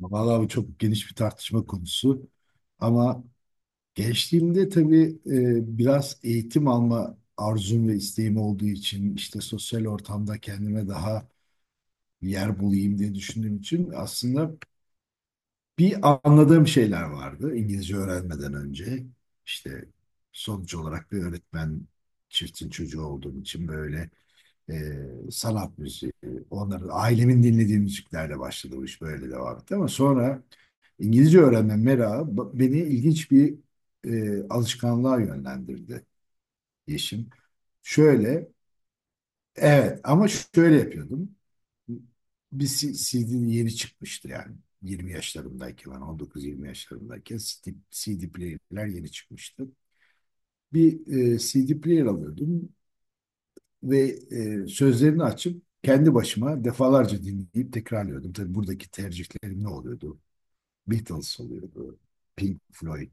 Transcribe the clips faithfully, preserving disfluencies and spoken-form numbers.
Vallahi bu çok geniş bir tartışma konusu. Ama gençliğimde tabii e, biraz eğitim alma arzum ve isteğim olduğu için işte sosyal ortamda kendime daha yer bulayım diye düşündüğüm için aslında bir anladığım şeyler vardı İngilizce öğrenmeden önce. İşte sonuç olarak bir öğretmen çiftin çocuğu olduğum için böyle e, sanat müziği, onların, ailemin dinlediği müziklerle başladı, bu iş böyle devam etti. Ama sonra İngilizce öğrenme merakı ba- beni ilginç bir e, alışkanlığa yönlendirdi, Yeşim. Şöyle, evet, ama şöyle yapıyordum. Bir C- CD'nin yeni çıkmıştı yani. yirmi yaşlarımdayken, ben on dokuz yirmi yaşlarımdayken C D, C D player'ler yeni çıkmıştı. Bir e, C D player alıyordum ve e, sözlerini açıp kendi başıma defalarca dinleyip tekrarlıyordum. Tabii buradaki tercihlerim ne oluyordu? Beatles oluyordu, Pink Floyd,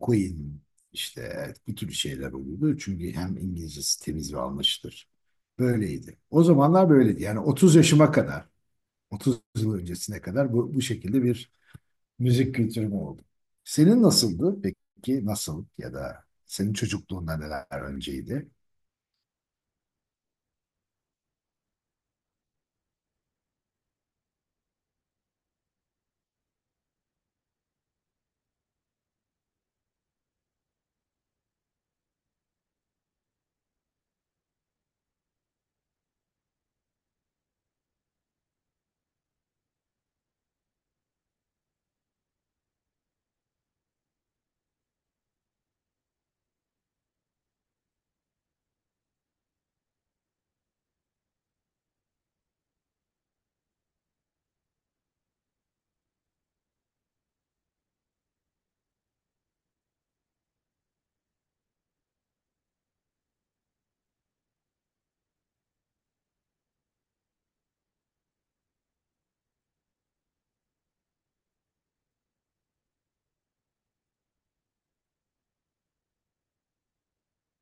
Queen, işte evet, bu tür şeyler oluyordu. Çünkü hem İngilizcesi temiz ve anlaşılır. Böyleydi. O zamanlar böyleydi. Yani otuz yaşıma kadar, otuz yıl öncesine kadar bu, bu şekilde bir müzik kültürüm oldu. Senin nasıldı? Peki nasıl ya da senin çocukluğunda neler önceydi?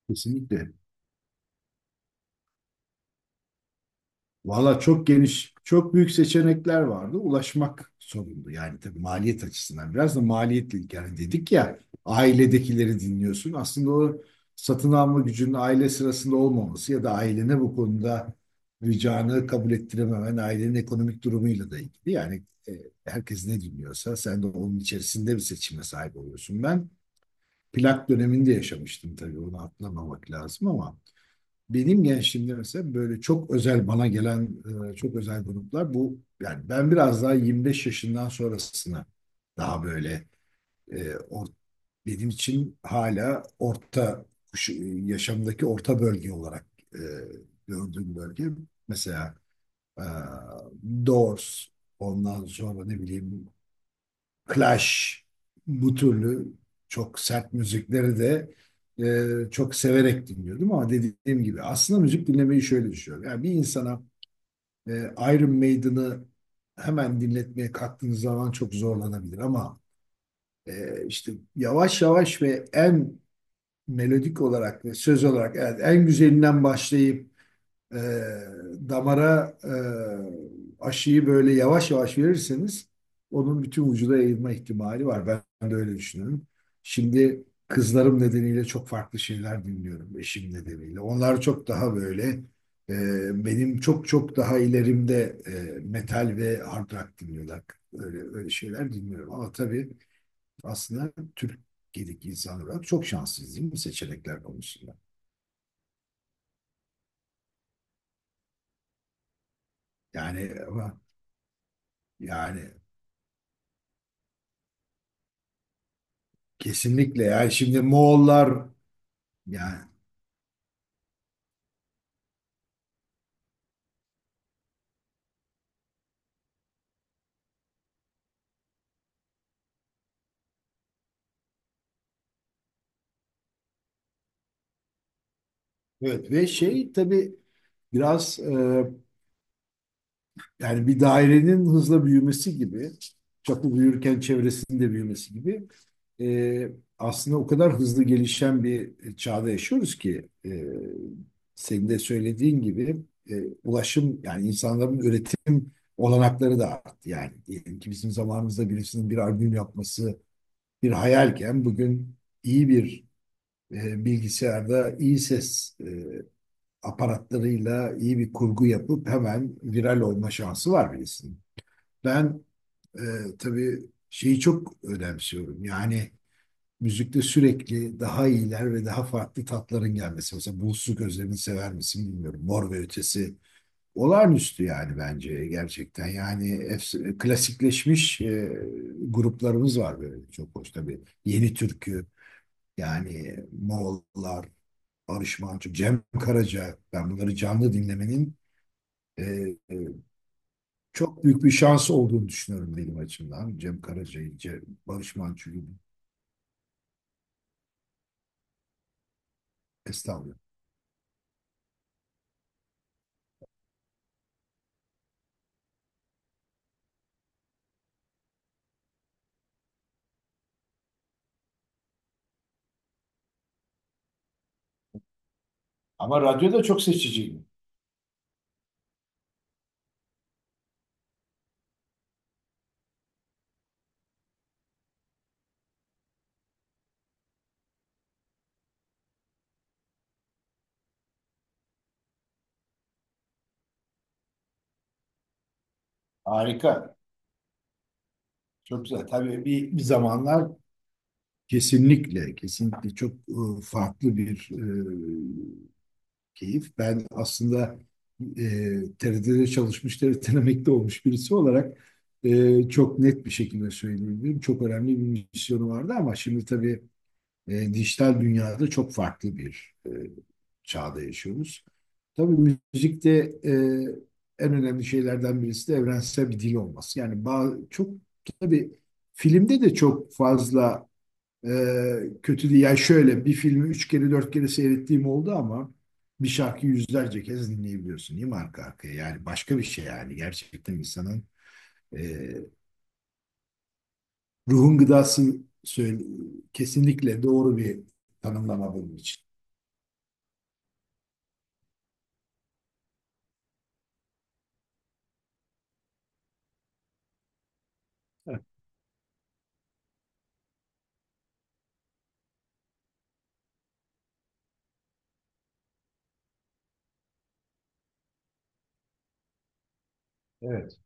Kesinlikle. Valla çok geniş, çok büyük seçenekler vardı. Ulaşmak sorundu. Yani tabii maliyet açısından biraz da maliyetli. Yani dedik ya, ailedekileri dinliyorsun. Aslında o satın alma gücünün aile sırasında olmaması ya da ailene bu konuda ricanı kabul ettirememen ailenin ekonomik durumuyla da ilgili. Yani e, herkes ne dinliyorsa sen de onun içerisinde bir seçime sahip oluyorsun. Ben plak döneminde yaşamıştım, tabii onu atlamamak lazım. Ama benim gençliğimde mesela böyle çok özel bana gelen, e, çok özel gruplar, bu yani ben biraz daha yirmi beş yaşından sonrasına daha böyle e, or- benim için hala orta kuş- yaşamdaki orta bölge olarak e, gördüğüm bölge, mesela e, Doors, ondan sonra ne bileyim, Clash, bu türlü çok sert müzikleri de e, çok severek dinliyordum. Ama dediğim gibi aslında müzik dinlemeyi şöyle düşünüyorum. Yani bir insana e, Iron Maiden'ı hemen dinletmeye kalktığınız zaman çok zorlanabilir ama e, işte yavaş yavaş ve en melodik olarak ve söz olarak, evet, en güzelinden başlayıp e, damara e, aşıyı böyle yavaş yavaş verirseniz onun bütün vücuda yayılma ihtimali var. Ben de öyle düşünüyorum. Şimdi kızlarım nedeniyle çok farklı şeyler dinliyorum, eşim nedeniyle. Onlar çok daha böyle, e, benim çok çok daha ilerimde, e, metal ve hard rock dinliyorlar. Öyle, öyle şeyler dinliyorum. Ama tabii aslında Türk Türkiye'deki insan olarak çok şanssız değil mi seçenekler konusunda? Yani, ama yani kesinlikle, yani şimdi Moğollar, yani evet. Ve şey, tabii biraz e, yani bir dairenin hızla büyümesi gibi, çapı büyürken çevresinin de büyümesi gibi, e, aslında o kadar hızlı gelişen bir çağda yaşıyoruz ki e, senin de söylediğin gibi, e, ulaşım, yani insanların üretim olanakları da arttı. Yani diyelim ki bizim zamanımızda birisinin bir albüm yapması bir hayalken, bugün iyi bir e, bilgisayarda iyi ses e, aparatlarıyla iyi bir kurgu yapıp hemen viral olma şansı var birisinin. Ben e, tabii şeyi çok önemsiyorum. Yani müzikte sürekli daha iyiler ve daha farklı tatların gelmesi. Mesela Bulutsuz Gözlerini sever misin bilmiyorum. Mor ve Ötesi olağanüstü yani, bence gerçekten. Yani efs- e, klasikleşmiş e, gruplarımız var, böyle çok hoş tabii. Yeni Türkü, yani Moğollar, Barış Manço, Cem Karaca, ben bunları canlı dinlemenin e, e, çok büyük bir şans olduğunu düşünüyorum benim açımdan. Cem Karaca'yı, Ce- Barış Manço'yu. Estağfurullah. Ama radyoda çok seçiciyim. Harika. Çok güzel. Tabii bir, bir zamanlar, kesinlikle, kesinlikle çok e, farklı bir keyif. Ben aslında e, T R T'de çalışmış, T R T'den emekli olmuş birisi olarak e, çok net bir şekilde söyleyebilirim. Çok önemli bir misyonu vardı ama şimdi tabii e, dijital dünyada çok farklı bir e, çağda yaşıyoruz. Tabii müzikte e, en önemli şeylerden birisi de evrensel bir dil olması. Yani ba- çok, tabii filmde de çok fazla ee, kötü değil. Yani şöyle bir filmi üç kere dört kere seyrettiğim oldu ama bir şarkıyı yüzlerce kez dinleyebiliyorsun, değil mi, arka arkaya? Yani başka bir şey yani. Gerçekten insanın e, ruhun gıdası, söyle, kesinlikle doğru bir tanımlama bunun için. Evet. Evet.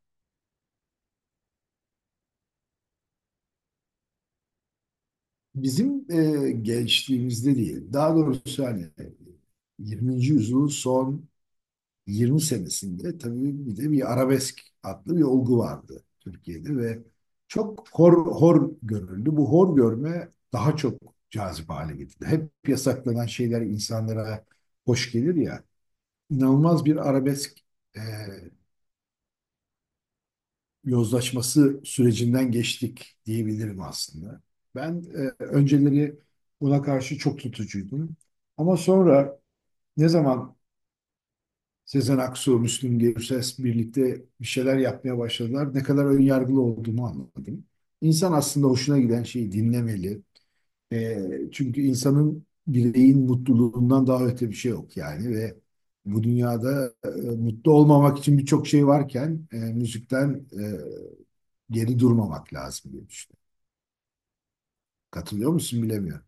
Bizim e, gençliğimizde değil. Daha doğrusu hani yirminci yüzyılın son yirmi senesinde tabii bir de bir arabesk adlı bir olgu vardı Türkiye'de ve çok hor, hor görüldü. Bu hor görme daha çok cazip hale getirdi. Hep yasaklanan şeyler insanlara hoş gelir ya. İnanılmaz bir arabesk e, yozlaşması sürecinden geçtik diyebilirim aslında. Ben e, önceleri buna karşı çok tutucuydum. Ama sonra ne zaman Sezen Aksu, Müslüm Gürses birlikte bir şeyler yapmaya başladılar, ne kadar önyargılı olduğumu anladım. İnsan aslında hoşuna giden şeyi dinlemeli. E, çünkü insanın, bireyin mutluluğundan daha öte bir şey yok yani. Ve bu dünyada e, mutlu olmamak için birçok şey varken, e, müzikten e, geri durmamak lazım diye düşünüyorum. Katılıyor musun bilemiyorum.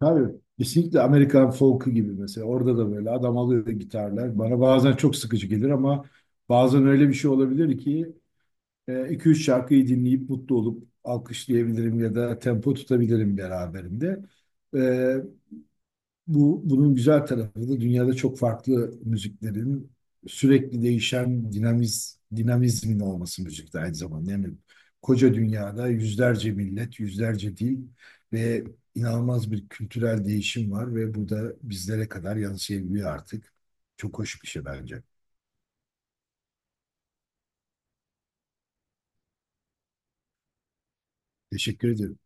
Tabii kesinlikle, Amerikan folk'u gibi mesela. Orada da böyle adam alıyor gitarlar. Bana bazen çok sıkıcı gelir ama bazen öyle bir şey olabilir ki e, iki üç şarkıyı dinleyip mutlu olup alkışlayabilirim ya da tempo tutabilirim beraberinde. E, bu bunun güzel tarafı da dünyada çok farklı müziklerin sürekli değişen dinamiz dinamizmin olması müzikte aynı zamanda. Yani koca dünyada yüzlerce millet, yüzlerce dil ve inanılmaz bir kültürel değişim var ve bu da bizlere kadar yansıyabiliyor artık. Çok hoş bir şey bence. Teşekkür ederim.